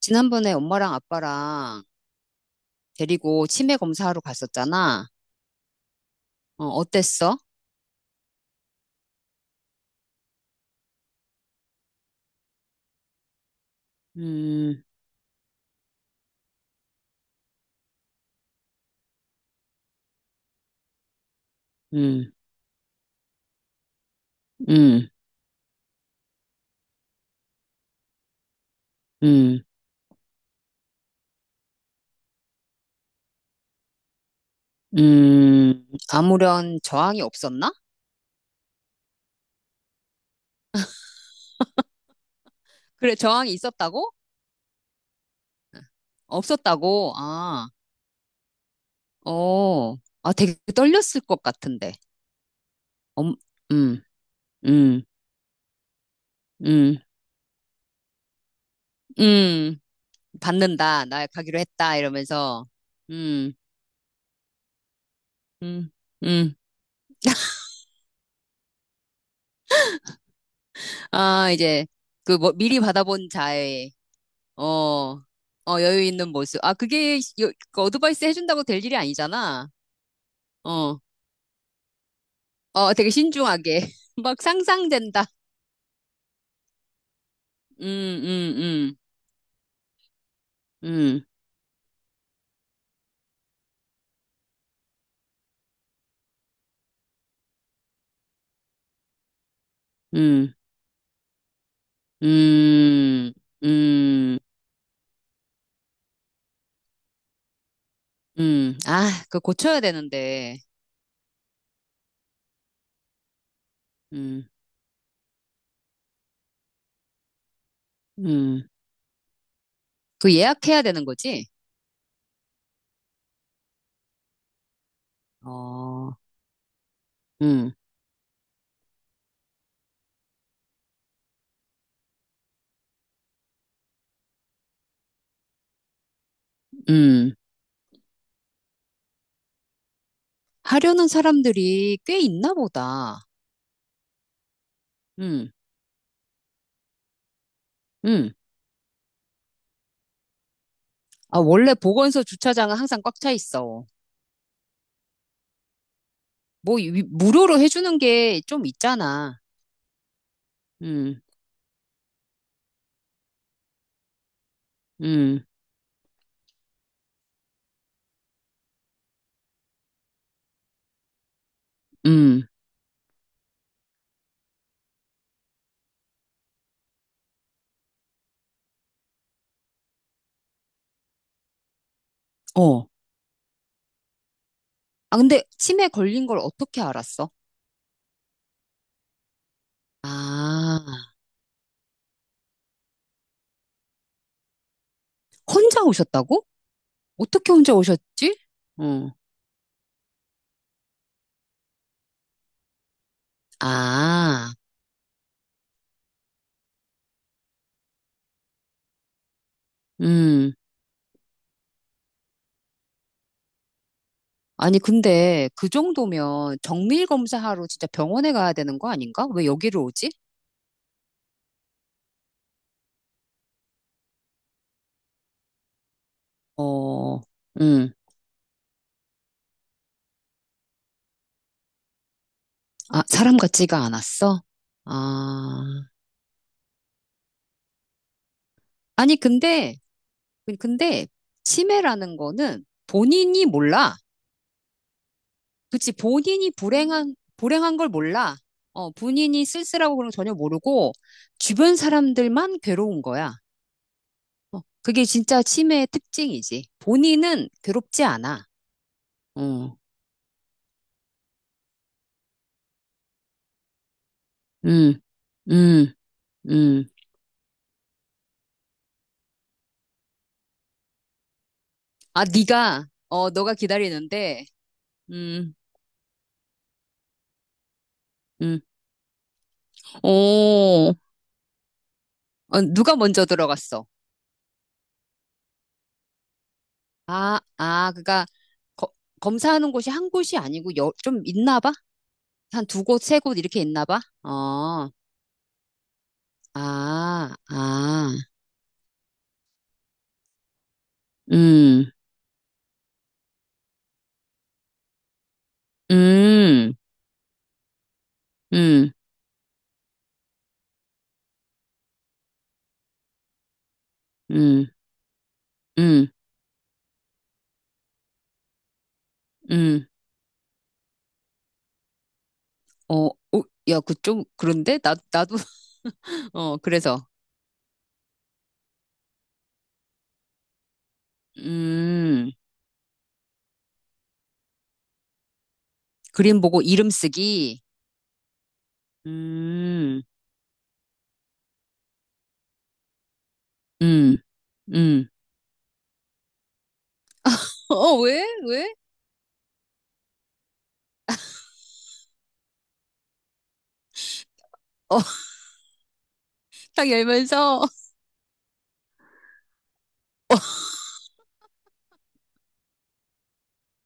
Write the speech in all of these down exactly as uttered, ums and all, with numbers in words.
지난번에 엄마랑 아빠랑 데리고 치매 검사하러 갔었잖아. 어, 어땠어? 음, 음, 음, 음, 음. 아무런 저항이 없었나? 그래, 저항이 있었다고? 없었다고. 아, 어. 아, 되게 떨렸을 것 같은데. 엄, 음, 음, 음, 음. 받는다. 나 가기로 했다. 이러면서. 음, 음, 음. 아, 이제 그 뭐 미리 받아본 자의 어, 어, 여유 있는 모습. 아, 그게 여- 그 어드바이스 해준다고 될 일이 아니잖아. 어, 어, 되게 신중하게. 막 상상된다. 음, 음, 음, 음, 음, 음, 음, 음. 아, 그거 고쳐야 되는데. 음, 음. 그 예약해야 되는 거지? 어, 음, 음. 하려는 사람들이 꽤 있나 보다. 음, 음. 아, 원래 보건소 주차장은 항상 꽉 차 있어. 뭐 유- 무료로 해주는 게 좀 있잖아. 음, 음, 음. 어. 아 근데 치매 걸린 걸 어떻게 알았어? 아, 혼자 오셨다고? 어떻게 혼자 오셨지? 응. 아, 음. 아니 근데 그 정도면 정밀 검사하러 진짜 병원에 가야 되는 거 아닌가? 왜 여기로 오지? 어, 음. 아, 사람 같지가 않았어? 아. 아니 근데 근데 치매라는 거는 본인이 몰라. 그치, 본인이 불행한, 불행한 걸 몰라. 어, 본인이 쓸쓸하고 그런 거 전혀 모르고, 주변 사람들만 괴로운 거야. 어, 그게 진짜 치매의 특징이지. 본인은 괴롭지 않아. 어, 음, 음, 음. 아, 네가, 어, 너가 기다리는데, 음, 음. 오, 어, 누가 먼저 들어갔어? 아, 아, 그니까, 검사하는 곳이 한 곳이 아니고, 여, 좀 있나 봐? 한 두 곳, 세 곳 이렇게 있나 봐? 어. 아, 아, 음, 음, 음, 음, 음, 음, 어, 어, 야, 그 좀, 그런데? 나, 나도, 어, 그래서, 음, 그림 보고 이름 쓰기, 음, 음, 음, 어, 왜? 왜? 어, 딱 열면서,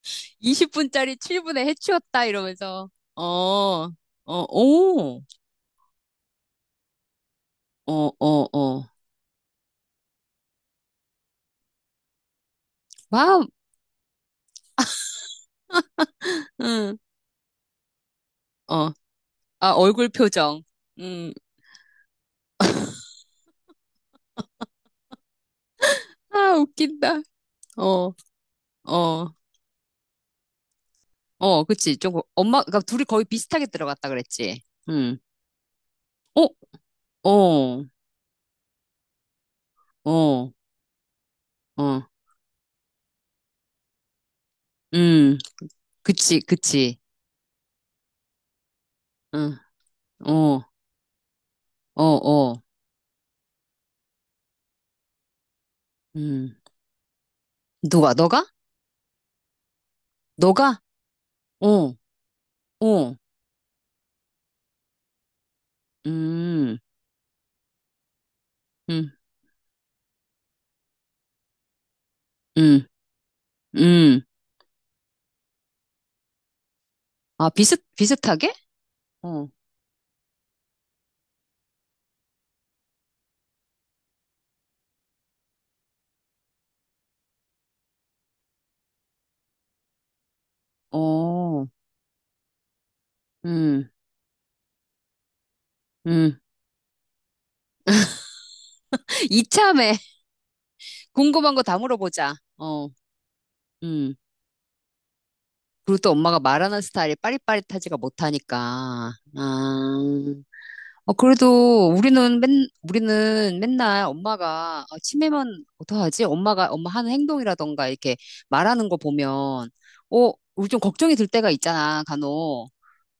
이십 분짜리 칠 분에 해치웠다, 이러면서, 어, 어, 오, 어, 어, 어, 와우, 응, 어, 아, 얼굴 표정, 음, 아, 웃긴다. 어, 어, 어, 그치. 조금, 엄마, 그니까 둘이 거의 비슷하게 들어갔다 그랬지. 응. 어, 어, 어, 어, 음, 그치, 그치. 응, 어, 어, 어, 음. 누가, 너가? 너가? 어, 어, 음, 음, 음, 음. 아, 비슷, 비슷하게? 어, 어, 음, 음. 이참에 궁금한 거 다 물어보자. 어, 음. 그리고 또 엄마가 말하는 스타일이 빠릿빠릿하지가 못하니까. 아, 어, 그래도 우리는 맨, 우리는 맨날 엄마가, 아, 치매면 어떡하지? 엄마가, 엄마 하는 행동이라던가 이렇게 말하는 거 보면, 어, 우리 좀 걱정이 들 때가 있잖아, 간혹.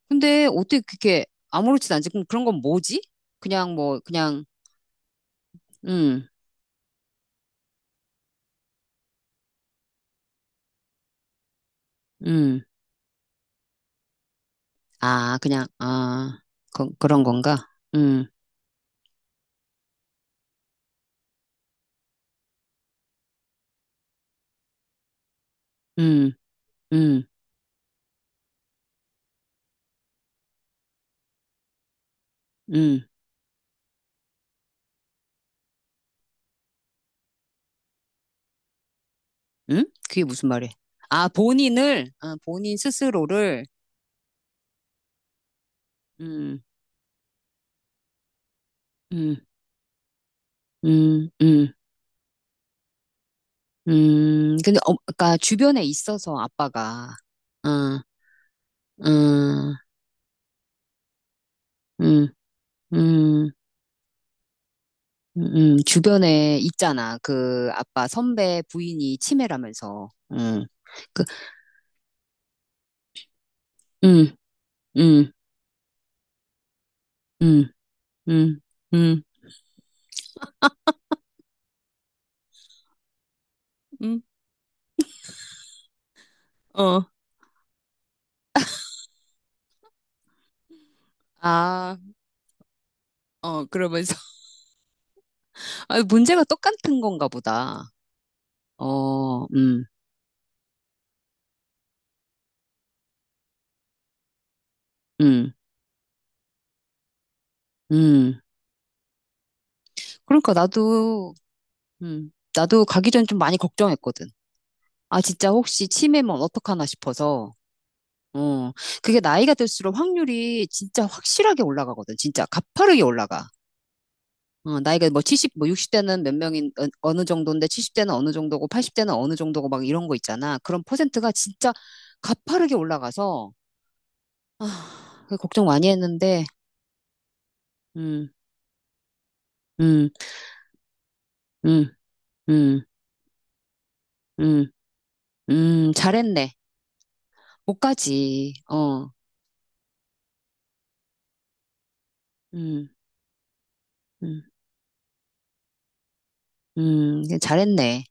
근데 어떻게 그렇게 아무렇지도 않지? 그럼 그런 건 뭐지? 그냥 뭐, 그냥, 음, 음, 아, 그냥, 아, 그, 그런 건가? 음, 음, 음, 음. 응? 그게 무슨 말이야? 아, 본인을, 아, 본인 스스로를, 음, 음, 음, 음, 음. 근데, 어, 그니까, 주변에 있어서 아빠가, 응, 응, 응, 응, 응, 주변에 있잖아. 그, 아빠 선배 부인이 치매라면서, 응, 그, 응, 응, 응, 응, 응, 응, 어, 아, 어, 그러면서, 아, 문제가 똑같은 건가 보다. 어, 음, 음, 음. 그러니까 나도, 음, 나도 가기 전 좀 많이 걱정했거든. 아, 진짜 혹시 치매면 어떡하나 싶어서. 어, 그게 나이가 들수록 확률이 진짜 확실하게 올라가거든. 진짜 가파르게 올라가. 어, 나이가 뭐 칠십, 뭐 육십 대는 몇 명인, 어, 어느 정도인데 칠십 대는 어느 정도고 팔십 대는 어느 정도고 막 이런 거 있잖아. 그런 퍼센트가 진짜 가파르게 올라가서, 아, 그 걱정 많이 했는데, 음, 음, 음, 음, 음, 음, 잘했네. 못 가지. 어, 음. 음. 음. 잘했네.